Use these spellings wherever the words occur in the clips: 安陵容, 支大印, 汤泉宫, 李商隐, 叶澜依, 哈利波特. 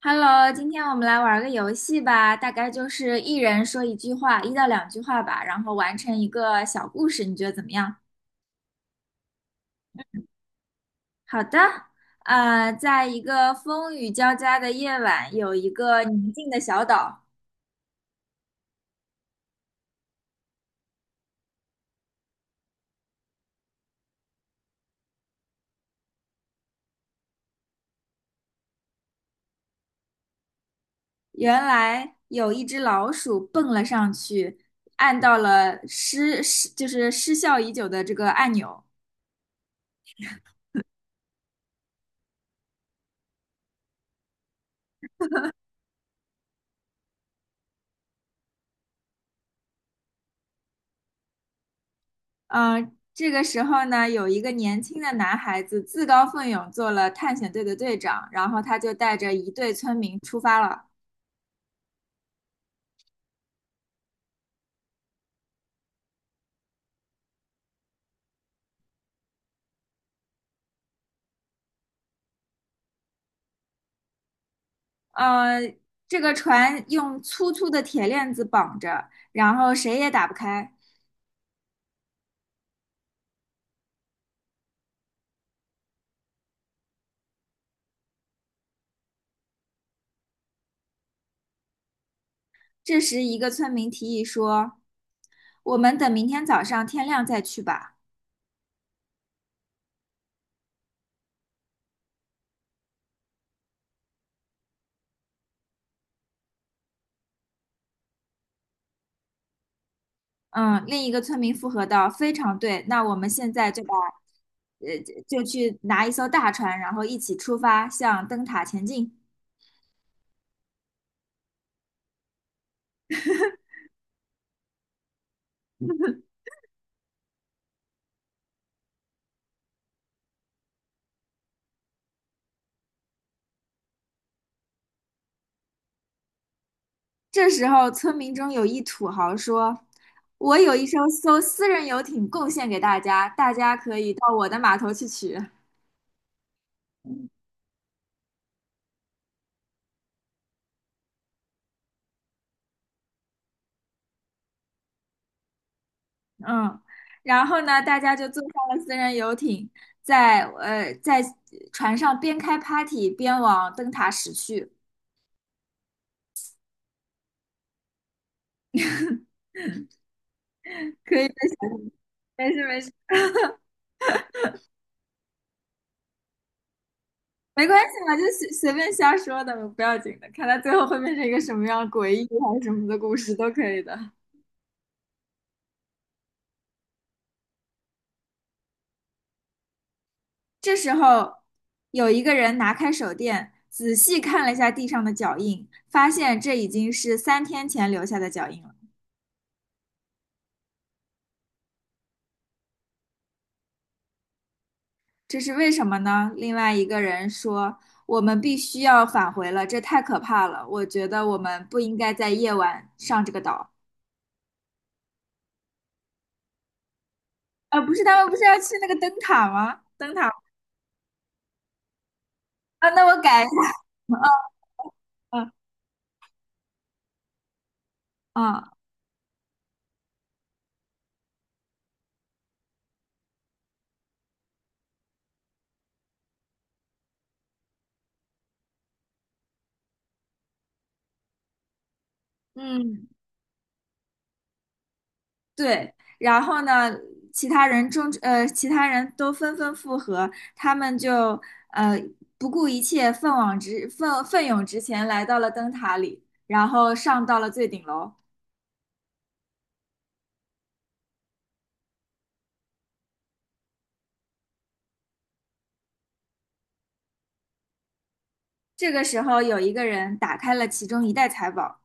Hello，今天我们来玩个游戏吧，大概就是一人说一句话，一到两句话吧，然后完成一个小故事，你觉得怎么样？好的，在一个风雨交加的夜晚，有一个宁静的小岛，原来有一只老鼠蹦了上去，按到了就是失效已久的这个按钮，嗯，这个时候呢，有一个年轻的男孩子自告奋勇做了探险队的队长，然后他就带着一队村民出发了。呃，这个船用粗粗的铁链子绑着，然后谁也打不开。这时，一个村民提议说：“我们等明天早上天亮再去吧。”嗯，另一个村民附和道：“非常对，那我们现在呃，就去拿一艘大船，然后一起出发，向灯塔前进。”这时候，村民中有一土豪说：“我有一艘私人游艇贡献给大家，大家可以到我的码头去取。”嗯，然后呢，大家就坐上了私人游艇，在船上边开 party 边往灯塔驶去。可以，没事没事，没关系嘛，就随便瞎说的，不要紧的。看他最后会变成一个什么样诡异还是什么的故事都可以的。这时候，有一个人拿开手电，仔细看了一下地上的脚印，发现这已经是三天前留下的脚印了。这是为什么呢？另外一个人说：“我们必须要返回了，这太可怕了。我觉得我们不应该在夜晚上这个岛。”啊，不是，他们不是要去那个灯塔吗？灯塔。啊，那我改一下。嗯嗯嗯。对，然后呢，其他人都纷纷附和，他们就呃不顾一切，奋勇直前，来到了灯塔里，然后上到了最顶楼。这个时候，有一个人打开了其中一袋财宝，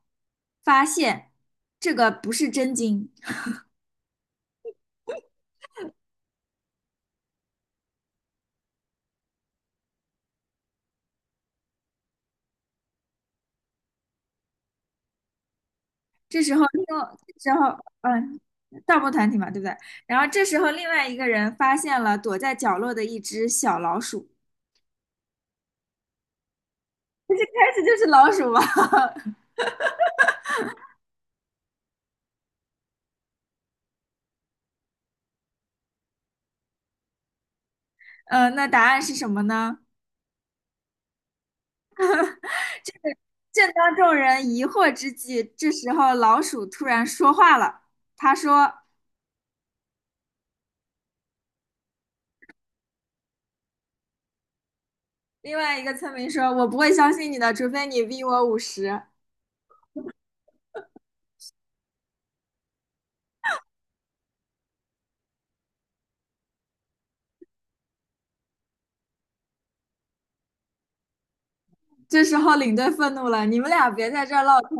发现这个不是真金。这时候另，这时候嗯，盗墓团体嘛，对不对？然后这时候，另外一个人发现了躲在角落的一只小老鼠，但是就是老鼠嘛。那答案是什么呢？正当众人疑惑之际，这时候老鼠突然说话了。他说：“另外一个村民说，我不会相信你的，除非你逼我50。”这时候领队愤怒了：“你们俩别在这儿唠嗑，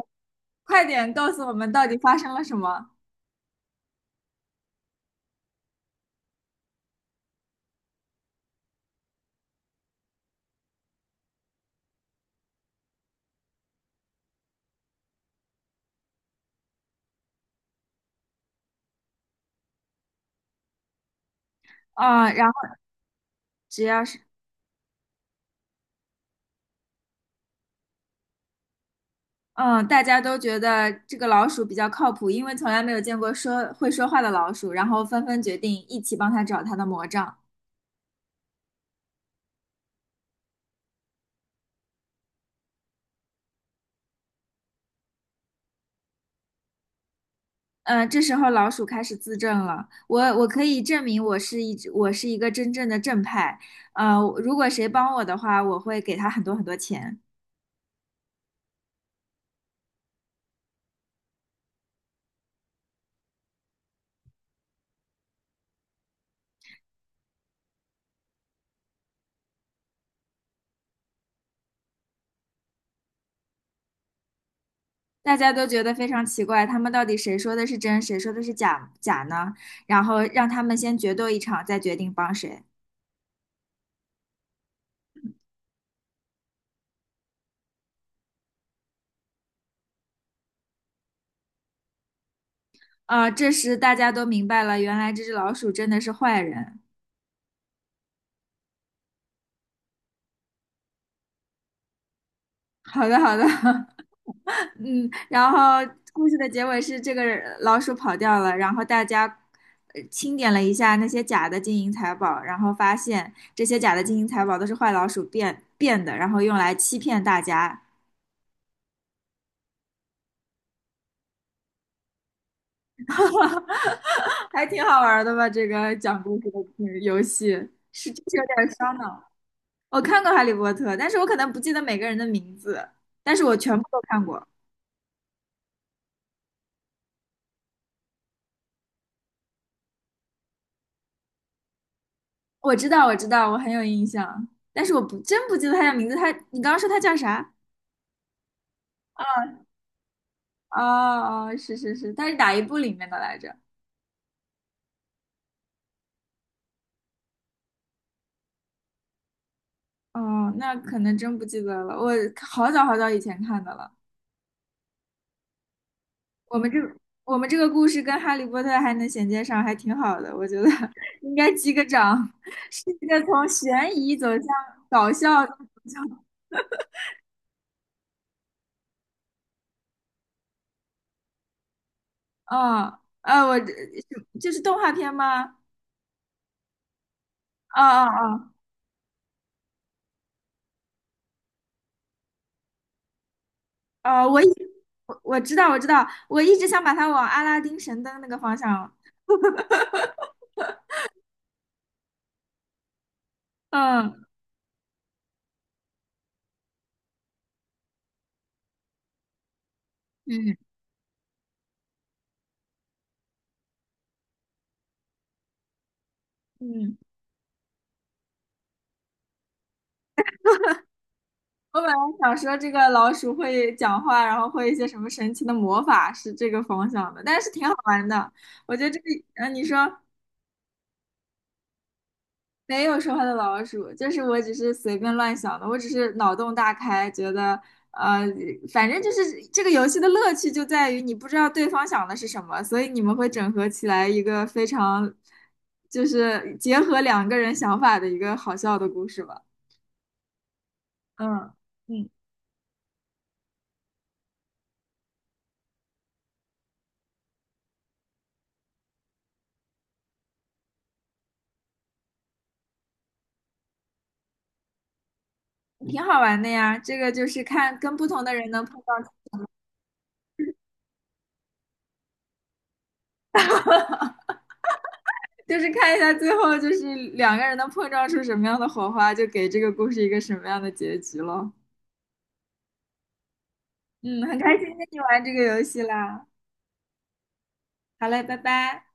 快点告诉我们到底发生了什么。”啊，然后只要是嗯，大家都觉得这个老鼠比较靠谱，因为从来没有见过说会说话的老鼠，然后纷纷决定一起帮他找他的魔杖。嗯，这时候老鼠开始自证了。我可以证明我是一个真正的正派。呃，如果谁帮我的话，我会给他很多很多钱。大家都觉得非常奇怪，他们到底谁说的是真，谁说的是假呢？然后让他们先决斗一场，再决定帮谁。这时大家都明白了，原来这只老鼠真的是坏人。好的，好的，嗯，然后故事的结尾是这个老鼠跑掉了，然后大家清点了一下那些假的金银财宝，然后发现这些假的金银财宝都是坏老鼠变的，然后用来欺骗大家，还挺好玩儿的吧？这个讲故事的嗯游戏是就是有点烧脑。我看过《哈利波特》，但是我可能不记得每个人的名字，但是我全部都看过。我知道，我知道，我很有印象，但是我不真不记得他叫名字。他，你刚刚说他叫啥？哦哦，是是是，它是哪一部里面的来着？哦，那可能真不记得了，我好早好早以前看的了。我们这我们这个故事跟《哈利波特》还能衔接上，还挺好的，我觉得 应该击个掌。是一个从悬疑走向搞笑的走向，嗯，呃，我这这是动画片吗？哦哦哦，哦，我知道我知道，我一直想把它往阿拉丁神灯那个方向，嗯嗯嗯。我本来想说这个老鼠会讲话，然后会一些什么神奇的魔法，是这个方向的，但是挺好玩的。我觉得这个，你说没有说话的老鼠，就是我只是随便乱想的，我只是脑洞大开，觉得，呃，反正就是这个游戏的乐趣就在于你不知道对方想的是什么，所以你们会整合起来一个非常，就是结合两个人想法的一个好笑的故事吧。嗯。嗯，挺好玩的呀，这个就是看跟不同的人能碰到。就是看一下最后就是两个人能碰撞出什么样的火花，就给这个故事一个什么样的结局咯。嗯，很开心跟你玩这个游戏啦。好嘞，拜拜。